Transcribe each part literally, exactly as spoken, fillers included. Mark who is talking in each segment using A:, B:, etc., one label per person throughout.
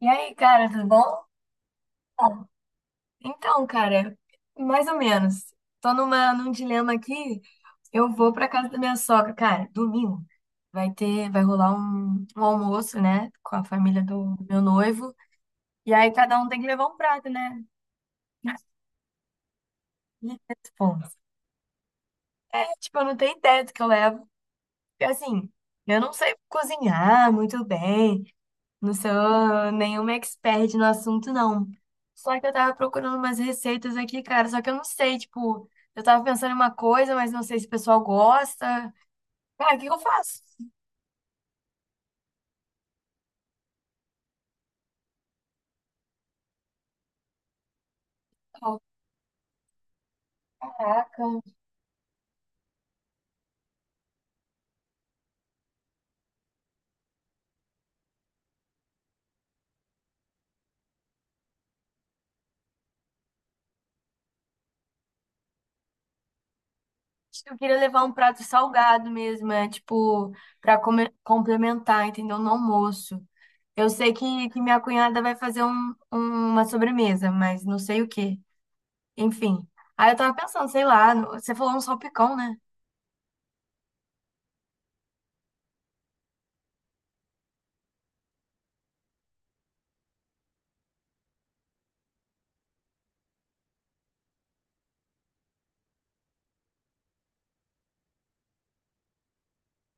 A: E aí, cara, tudo bom? Então, cara, mais ou menos. Tô numa, num dilema aqui. Eu vou pra casa da minha sogra, cara, domingo. Vai ter, vai rolar um, um almoço, né, com a família do meu noivo. E aí cada um tem que levar um prato, né? E esse ponto. É, tipo, eu não tenho ideia do que eu levo. Porque, assim, eu não sei cozinhar muito bem. Não sou nenhuma expert no assunto, não. Só que eu tava procurando umas receitas aqui, cara. Só que eu não sei, tipo, eu tava pensando em uma coisa, mas não sei se o pessoal gosta. Cara, o que que eu faço? Oh, caraca. Acho que eu queria levar um prato salgado mesmo, é tipo, pra come- complementar, entendeu? No almoço. Eu sei que, que minha cunhada vai fazer um- um, uma sobremesa, mas não sei o quê. Enfim. Aí eu tava pensando, sei lá, no- você falou um salpicão, né?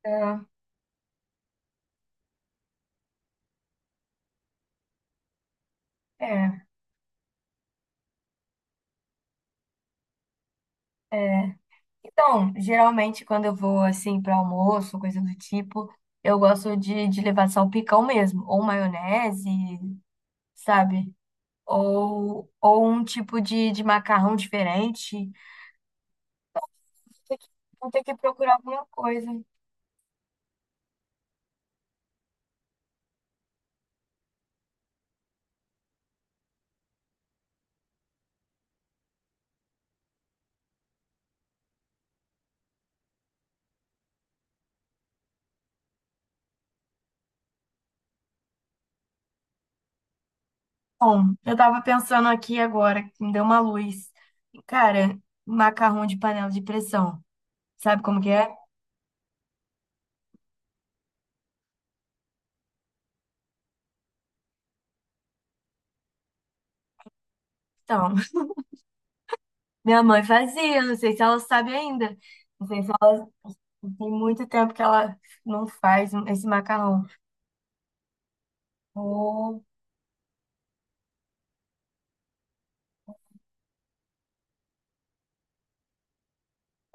A: É, é. Então, geralmente quando eu vou assim para almoço, coisa do tipo, eu gosto de, de levar salpicão mesmo, ou maionese, sabe? Ou, ou um tipo de, de macarrão diferente. Vou ter que vou ter que procurar alguma coisa. Bom, eu tava pensando aqui agora, que me deu uma luz. Cara, macarrão de panela de pressão. Sabe como que é? Então, minha mãe fazia, não sei se ela sabe ainda. Não sei se ela Tem muito tempo que ela não faz esse macarrão. Ô,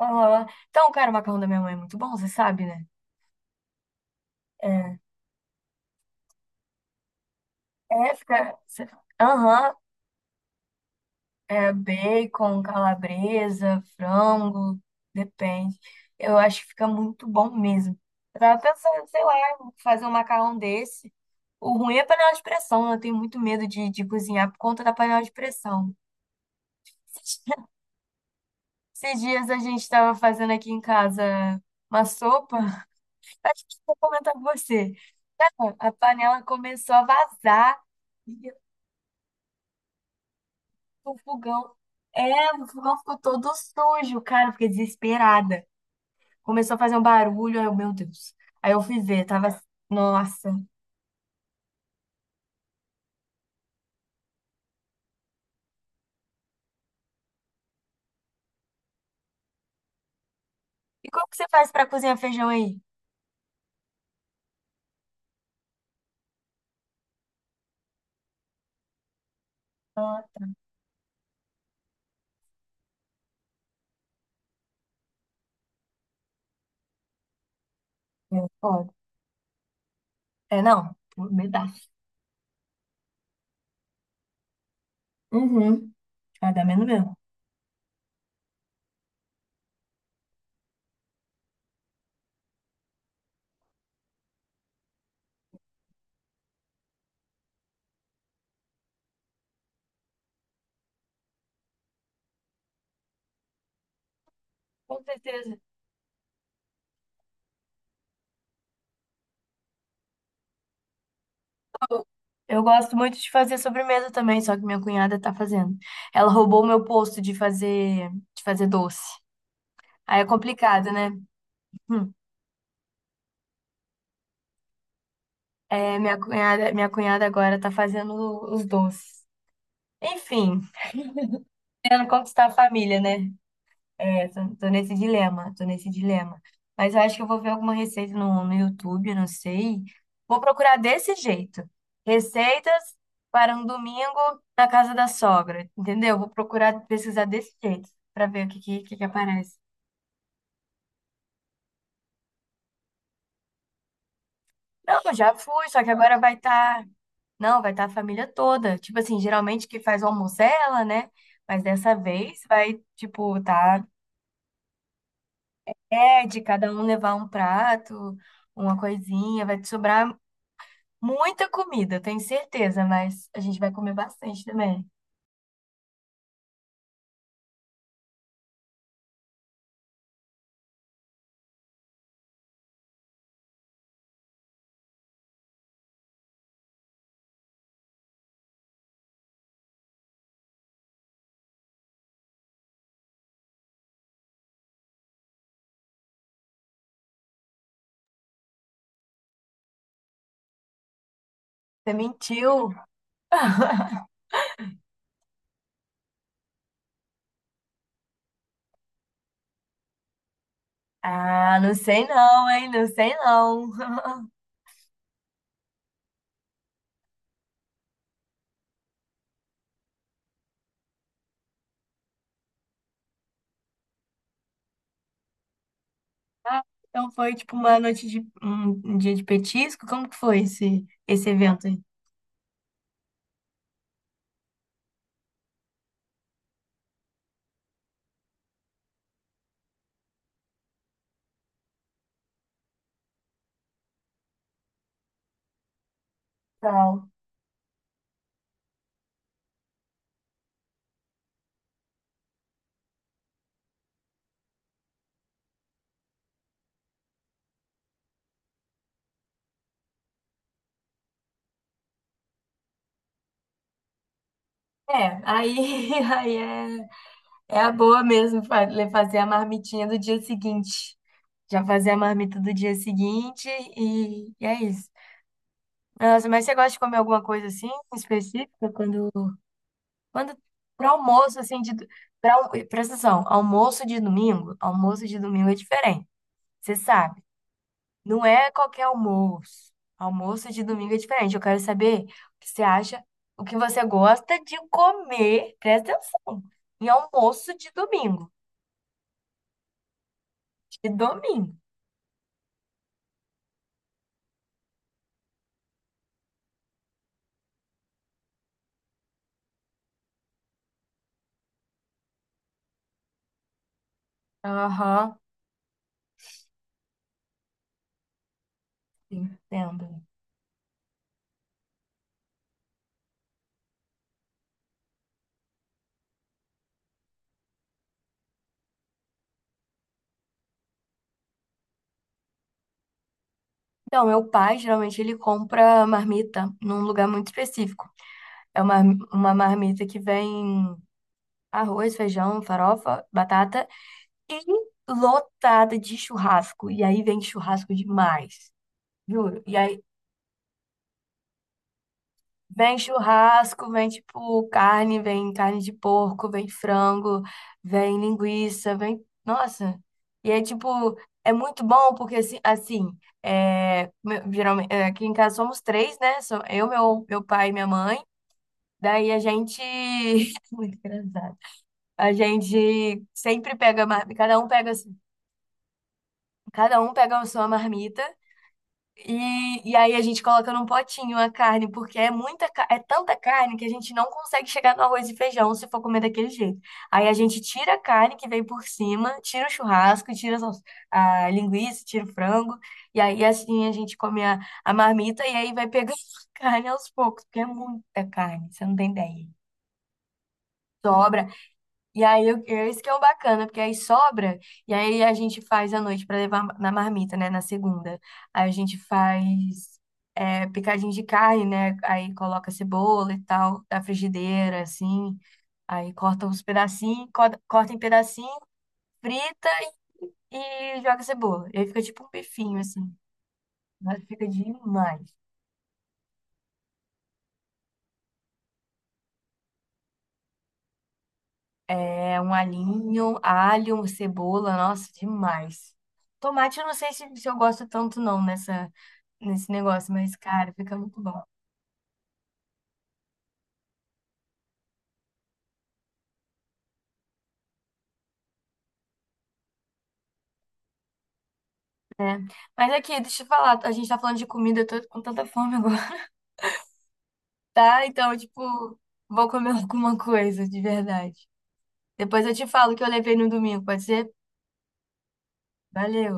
A: aham. Então, cara, o macarrão da minha mãe é muito bom, você sabe, né? É, é fica. cê- Aham, é bacon, calabresa, frango, depende. Eu acho que fica muito bom mesmo. Eu tava pensando, sei lá, fazer um macarrão desse. O ruim é a panela de pressão, né? Eu tenho muito medo de, de cozinhar por conta da panela de pressão. Esses dias a gente tava fazendo aqui em casa uma sopa. Acho que vou comentar com você. Cara, a panela começou a vazar e o fogão. É, o fogão ficou todo sujo, cara. Eu fiquei desesperada. Começou a fazer um barulho. Aí, eu, meu Deus. Aí eu fui ver, tava. Assim, nossa. E como que você faz pra cozinhar feijão aí? Ah, tá. É, foda. É, não. Me dá. Uhum. Ah, dá menos mesmo. Com certeza. Eu gosto muito de fazer sobremesa também, só que minha cunhada tá fazendo. Ela roubou o meu posto de fazer, de fazer doce. Aí é complicado, né? Hum. É, minha cunhada, minha cunhada agora tá fazendo os doces. Enfim, querendo conquistar a família, né? É, tô, tô nesse dilema, tô nesse dilema. Mas eu acho que eu vou ver alguma receita no, no YouTube, eu não sei. Vou procurar desse jeito. Receitas para um domingo na casa da sogra, entendeu? Vou procurar pesquisar desse jeito pra ver o que que, que que aparece. Não, eu já fui, só que agora vai estar Não, vai estar a família toda. Tipo assim, geralmente que faz o almoço é ela, né? Mas dessa vez vai, tipo, tá. É, de cada um levar um prato, uma coisinha. Vai te sobrar muita comida, eu tenho certeza, mas a gente vai comer bastante também. Você mentiu? Ah, não sei não, hein? Não sei não. Ah, então foi tipo uma noite de um, um dia de petisco? Como que foi esse, esse evento aí? Tal. É, aí, aí é. É a boa mesmo fa- fazer a marmitinha do dia seguinte. Já fazer a marmita do dia seguinte e, e é isso. Nossa, mas você gosta de comer alguma coisa assim específica quando quando para almoço assim de para presta atenção, almoço de domingo, almoço de domingo é diferente. Você sabe, não é qualquer almoço. Almoço de domingo é diferente. Eu quero saber o que você acha, o que você gosta de comer. Presta atenção. Em almoço de domingo, de domingo. Aham, entendo. Então, meu pai, geralmente, ele compra marmita num lugar muito específico. É uma, uma marmita que vem arroz, feijão, farofa, batata e lotada de churrasco. E aí vem churrasco demais, juro. E aí vem churrasco, vem tipo carne, vem carne de porco, vem frango, vem linguiça, vem. Nossa! E é tipo, é muito bom porque assim, assim é, me- geralmente, é, aqui em casa somos três, né? Sou eu, meu, meu pai e minha mãe. Daí a gente. Muito engraçado. A gente sempre pega. mar- Cada um pega, cada um pega a sua marmita. E, e aí a gente coloca num potinho a carne, porque é muita, ca- é tanta carne que a gente não consegue chegar no arroz e feijão se for comer daquele jeito. Aí a gente tira a carne que vem por cima, tira o churrasco, tira a, sals- a linguiça, tira o frango, e aí assim a gente come a, a marmita e aí vai pegando a carne aos poucos, porque é muita carne, você não tem ideia. Sobra. E aí, eu- é isso que é o bacana, porque aí sobra, e aí a gente faz à noite para levar na marmita, né, na segunda. Aí a gente faz é, picadinho de carne, né, aí coloca cebola e tal, da frigideira, assim, aí corta uns pedacinhos, co- corta em pedacinho, frita e joga cebola. E aí fica tipo um bifinho, assim, mas fica demais. É um alhinho, alho, cebola, nossa, demais. Tomate, eu não sei se, se eu gosto tanto não nessa, nesse negócio, mas, cara, fica muito bom. Mas aqui, deixa eu falar, a gente tá falando de comida, eu tô com tanta fome agora, tá? Então, tipo, vou comer alguma coisa, de verdade. Depois eu te falo o que eu levei no domingo, pode ser? Valeu!